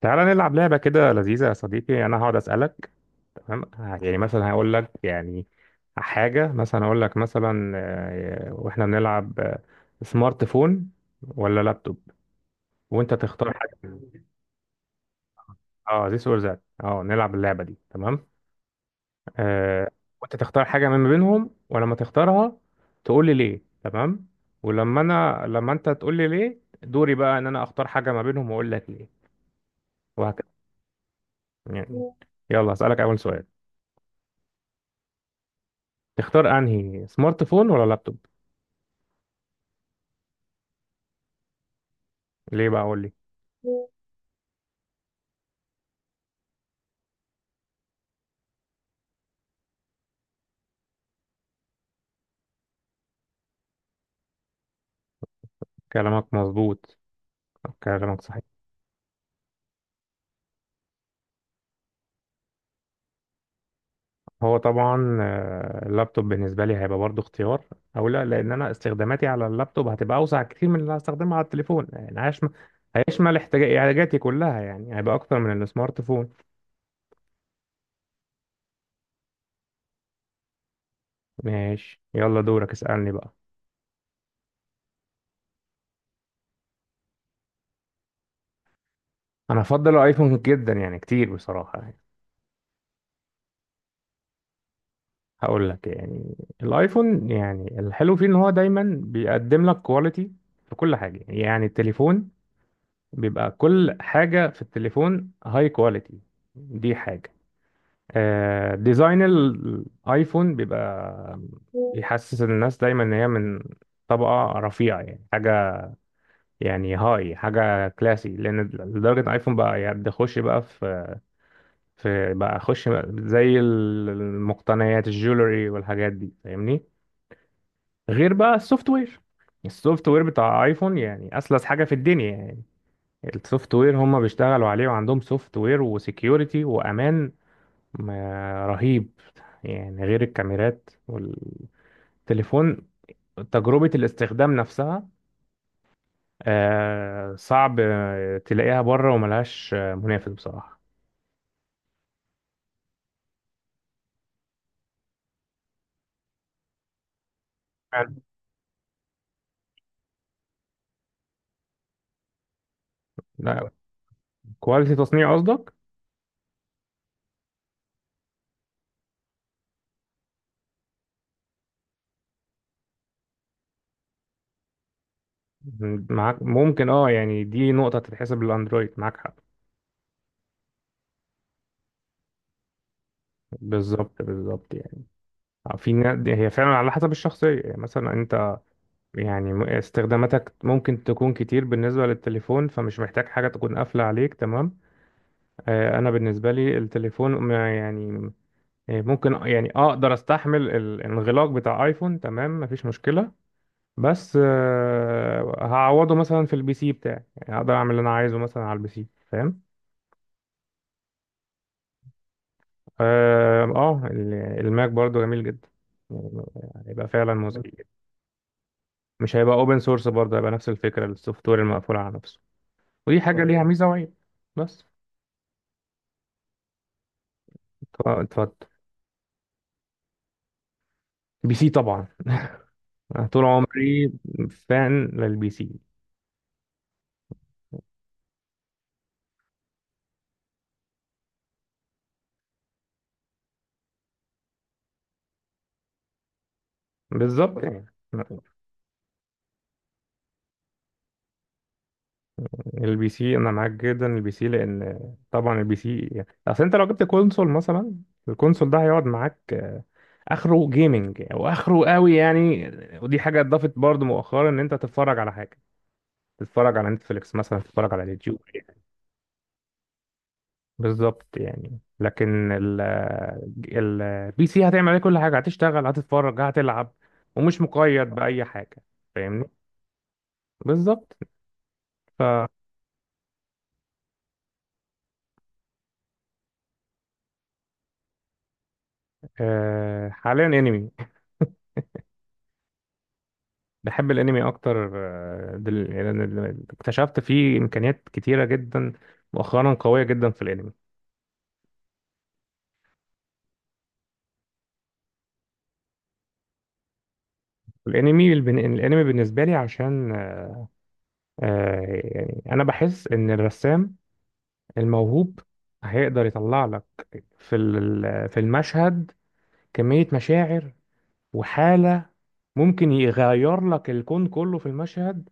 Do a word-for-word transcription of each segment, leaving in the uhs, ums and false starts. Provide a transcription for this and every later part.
تعالى نلعب لعبة كده لذيذة يا صديقي. أنا هقعد أسألك، تمام؟ ه- يعني مثلا هقول لك، يعني حاجة مثلا، أقول لك مثلا آه، وإحنا بنلعب. آه، سمارت فون ولا لابتوب، وأنت تختار حاجة من- أه، ذيس أور ذات. أه، نلعب اللعبة دي، تمام. آه، وأنت تختار حاجة من بينهم، ولما تختارها تقول لي ليه، تمام؟ ولما أنا، لما أنت تقول لي ليه دوري بقى إن أنا أختار حاجة ما بينهم وأقول لك ليه، وهكذا. يعني يلا أسألك أول سؤال: تختار انهي، سمارت فون ولا لابتوب؟ ليه بقى، اقول لي. كلامك مظبوط، كلامك صحيح. هو طبعا آه، اللابتوب بالنسبه لي هيبقى برضو اختيار او لا، لان انا استخداماتي على اللابتوب هتبقى اوسع كتير من اللي هستخدمها على التليفون. يعني هيشمل، هيشمل احتياج- احتياجاتي كلها، يعني هيبقى اكتر من السمارت فون. ماشي، يلا دورك اسالني بقى. انا هفضل الايفون جدا، يعني كتير بصراحه يعني. هقول لك. يعني الايفون، يعني الحلو فيه ان هو دايما بيقدم لك كواليتي في كل حاجه. يعني التليفون بيبقى، كل حاجة في التليفون هاي كواليتي، دي حاجة. آه، ديزاين الايفون بيبقى بيحسس الناس دايما ان هي من طبقة رفيعة، يعني حاجة، يعني هاي حاجة كلاسي، لأن لدرجة إن الايفون بقى يعني ده خش بقى في، في بقى خش زي المقتنيات الجولري والحاجات دي، فاهمني. غير بقى السوفت وير، السوفت وير بتاع ايفون يعني أسلس حاجة في الدنيا. يعني السوفت وير هم بيشتغلوا عليه، وعندهم سوفت وير وسكيورتي وامان ما- رهيب. يعني غير الكاميرات والتليفون، تجربة الاستخدام نفسها، آه، صعب آه، تلاقيها بره، وملهاش آه، منافس بصراحة. حلو. لا، كواليتي تصنيع قصدك. م- معاك، ممكن، اه. يعني دي نقطة تتحسب للأندرويد، معاك حق. بالظبط، بالظبط. يعني آه، في نا- هي فعلا على حسب الشخصية، يعني مثلا يعني م- استخداماتك ممكن تكون كتير بالنسبة للتليفون، فمش محتاج حاجة تكون قافلة عليك، تمام. آه، أنا بالنسبة لي التليفون ما- يعني آه، ممكن، يعني أقدر أستحمل ال- الانغلاق بتاع آيفون، تمام، مفيش مشكلة. بس آه، هعوضه مثلا في البي سي بتاعي، يعني أقدر أعمل اللي أنا عايزه مثلا على البي سي، فاهم؟ آه آه، ال- الماك برضو جميل جدا يعني، هيبقى فعلا مز... مش هيبقى اوبن سورس برضه، هيبقى نفس الفكرة، السوفت وير المقفول على نفسه، ودي حاجة ليها ميزة وعيب. بس، ط- اتفضل. بي سي طبعا، أنا طول عمري فان للبي سي. بالظبط يعني. البي سي، انا معاك جدا. البي سي لان طبعا البي سي، يعني اصل انت لو جبت كونسول مثلا، الكونسول ده هيقعد معاك، آه، اخره جيمنج، واخره قوي يعني. ودي حاجه اتضافت برضو مؤخرا، ان انت تتفرج على حاجه، تتفرج على نتفليكس مثلا، تتفرج على اليوتيوب. بالظبط يعني. لكن ال ال البي سي، هتعمل عليه كل حاجة، هتشتغل، هتتفرج، هتلعب، ومش مقيد بأي حاجة، فاهمني؟ بالظبط. ف آه، حاليا انمي. بحب الانمي اكتر. آه، دل... لأن ال- اكتشفت فيه امكانيات كتيرة جدا مؤخرا، قوية جدا في الانمي. الانمي البن... الانمي بالنسبة لي عشان آه، يعني انا بحس ان الرسام الموهوب هيقدر يطلع لك في ال- في المشهد كمية مشاعر وحالة، ممكن يغير لك الكون كله في المشهد،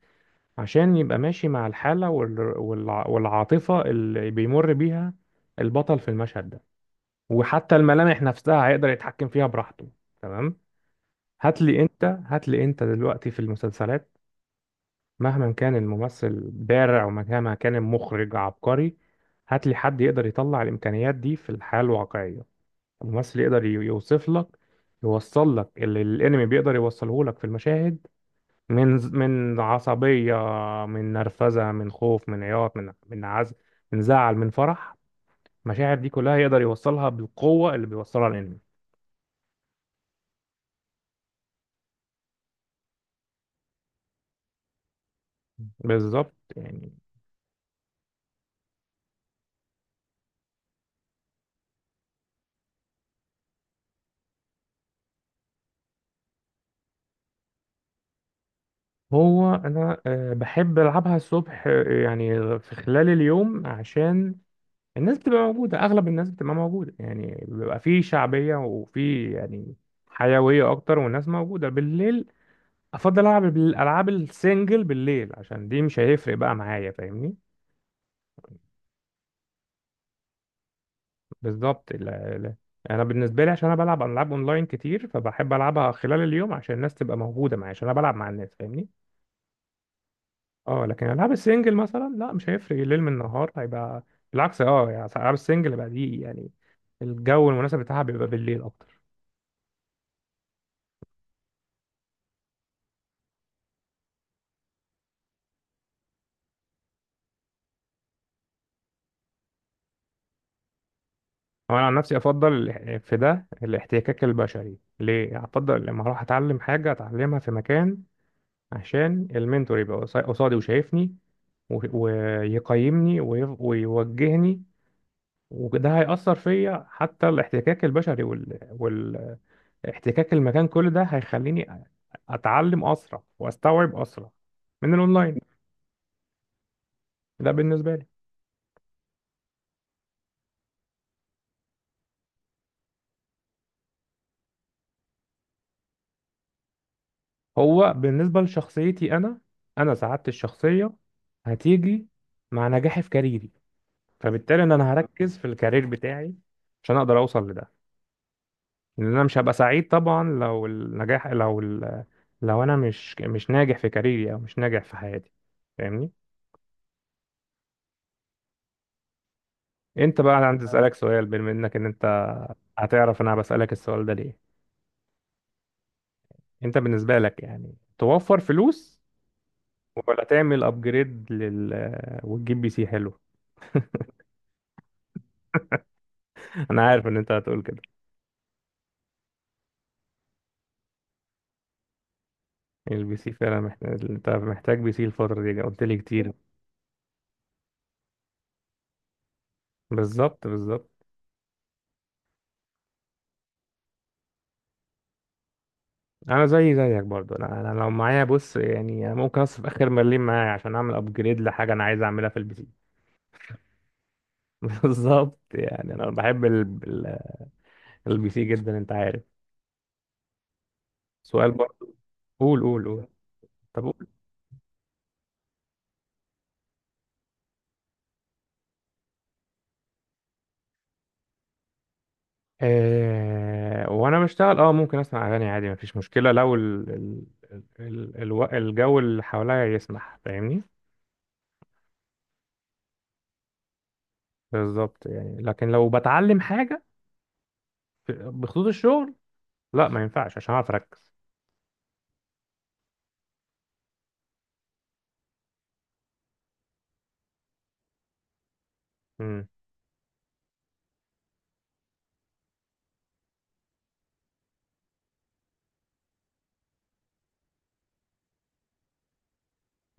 عشان يبقى ماشي مع الحالة وال- والع- والعاطفة اللي بيمر بيها البطل في المشهد ده. وحتى الملامح نفسها هيقدر يتحكم فيها براحته، تمام؟ هات لي انت هات لي انت دلوقتي في المسلسلات، مهما كان الممثل بارع، ومهما كان المخرج عبقري، هات لي حد يقدر يطلع الإمكانيات دي في الحياة الواقعية. الممثل يقدر ي- يوصف لك، يوصل لك اللي الانمي بيقدر يوصله لك في المشاهد، من، من عصبية، من نرفزة، من خوف، من عياط، من من عزم، من زعل، من فرح. المشاعر دي كلها يقدر يوصلها بالقوة اللي بيوصلها الأنمي. بالظبط يعني. هو أنا آه، بحب ألعبها الصبح، آه، يعني في خلال اليوم، عشان الناس بتبقى موجودة، أغلب الناس بتبقى موجودة، يعني بيبقى فيه شعبية، وفيه يعني حيوية أكتر. والناس موجودة بالليل، أفضل ألعب الألعاب السنجل بالليل عشان دي مش هيفرق بقى معايا، فاهمني؟ بالظبط. ال- ال- انا بالنسبه لي عشان انا بلعب العاب اونلاين كتير، فبحب العبها خلال اليوم عشان الناس تبقى موجوده معايا، عشان انا بلعب مع الناس، فاهمني؟ اه لكن العاب السنجل مثلا لا، مش هيفرق الليل من النهار، هيبقى بالعكس. اه يعني العاب السنجل بقى دي يعني الجو المناسب بتاعها بيبقى بالليل اكتر. هو انا عن نفسي افضل الاح- في ده الاحتكاك البشري ليه، افضل لما اروح اتعلم حاجه، اتعلمها في مكان عشان المنتور يبقى قصا- قصادي وشايفني و- ويقيمني ويف- ويوجهني. وده هيأثر فيا، حتى الاحتكاك البشري وال... والاحتكاك المكان، كل ده هيخليني أتعلم أسرع وأستوعب أسرع من الأونلاين. ده بالنسبة لي. هو بالنسبة لشخصيتي أنا، أنا سعادتي الشخصية هتيجي مع نجاحي في كاريري، فبالتالي إن أنا هركز في الكارير بتاعي عشان أقدر أوصل لده. لأن أنا مش هبقى سعيد طبعا لو النجاح لو ال... لو أنا مش مش ناجح في كاريري، أو مش ناجح في حياتي، فاهمني؟ انت بقى، انا عندي اسالك سؤال. بما انك، ان انت هتعرف انا بسالك السؤال ده ليه. انت بالنسبه لك يعني، توفر فلوس، ولا تعمل ابجريد لل، وتجيب بي سي حلو؟ انا عارف ان انت هتقول كده. البي سي فعلا محتاج، انت محتاج بي سي الفتره دي، قلت لي كتير. بالظبط، بالظبط. انا زي زيك برضو. انا انا لو معايا، بص يعني، انا ممكن اصرف اخر مليم معايا عشان اعمل ابجريد لحاجه انا عايز اعملها في البي سي. بالظبط يعني. انا بحب ال- ال- البي سي جدا، انت عارف. سؤال برضو. قول، قول، قول. طب آه، وانا بشتغل اه، ممكن اسمع اغاني عادي مفيش مشكله، لو ال ال ال الو- الجو اللي حواليا يسمح، فاهمني؟ بالظبط يعني. لكن لو بتعلم حاجه في- بخطوط الشغل، لا ما ينفعش عشان اعرف اركز. مم.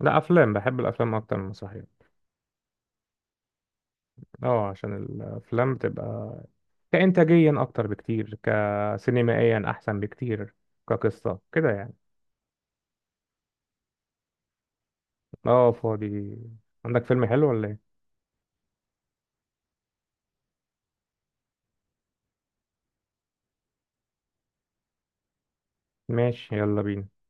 لا، افلام، بحب الافلام اكتر من المسرحيات. اه عشان الافلام بتبقى كانتاجيا اكتر بكتير، كسينمائيا احسن بكتير، كقصه كده يعني. اه فاضي. عندك فيلم حلو ولا ايه؟ ماشي، يلا بينا.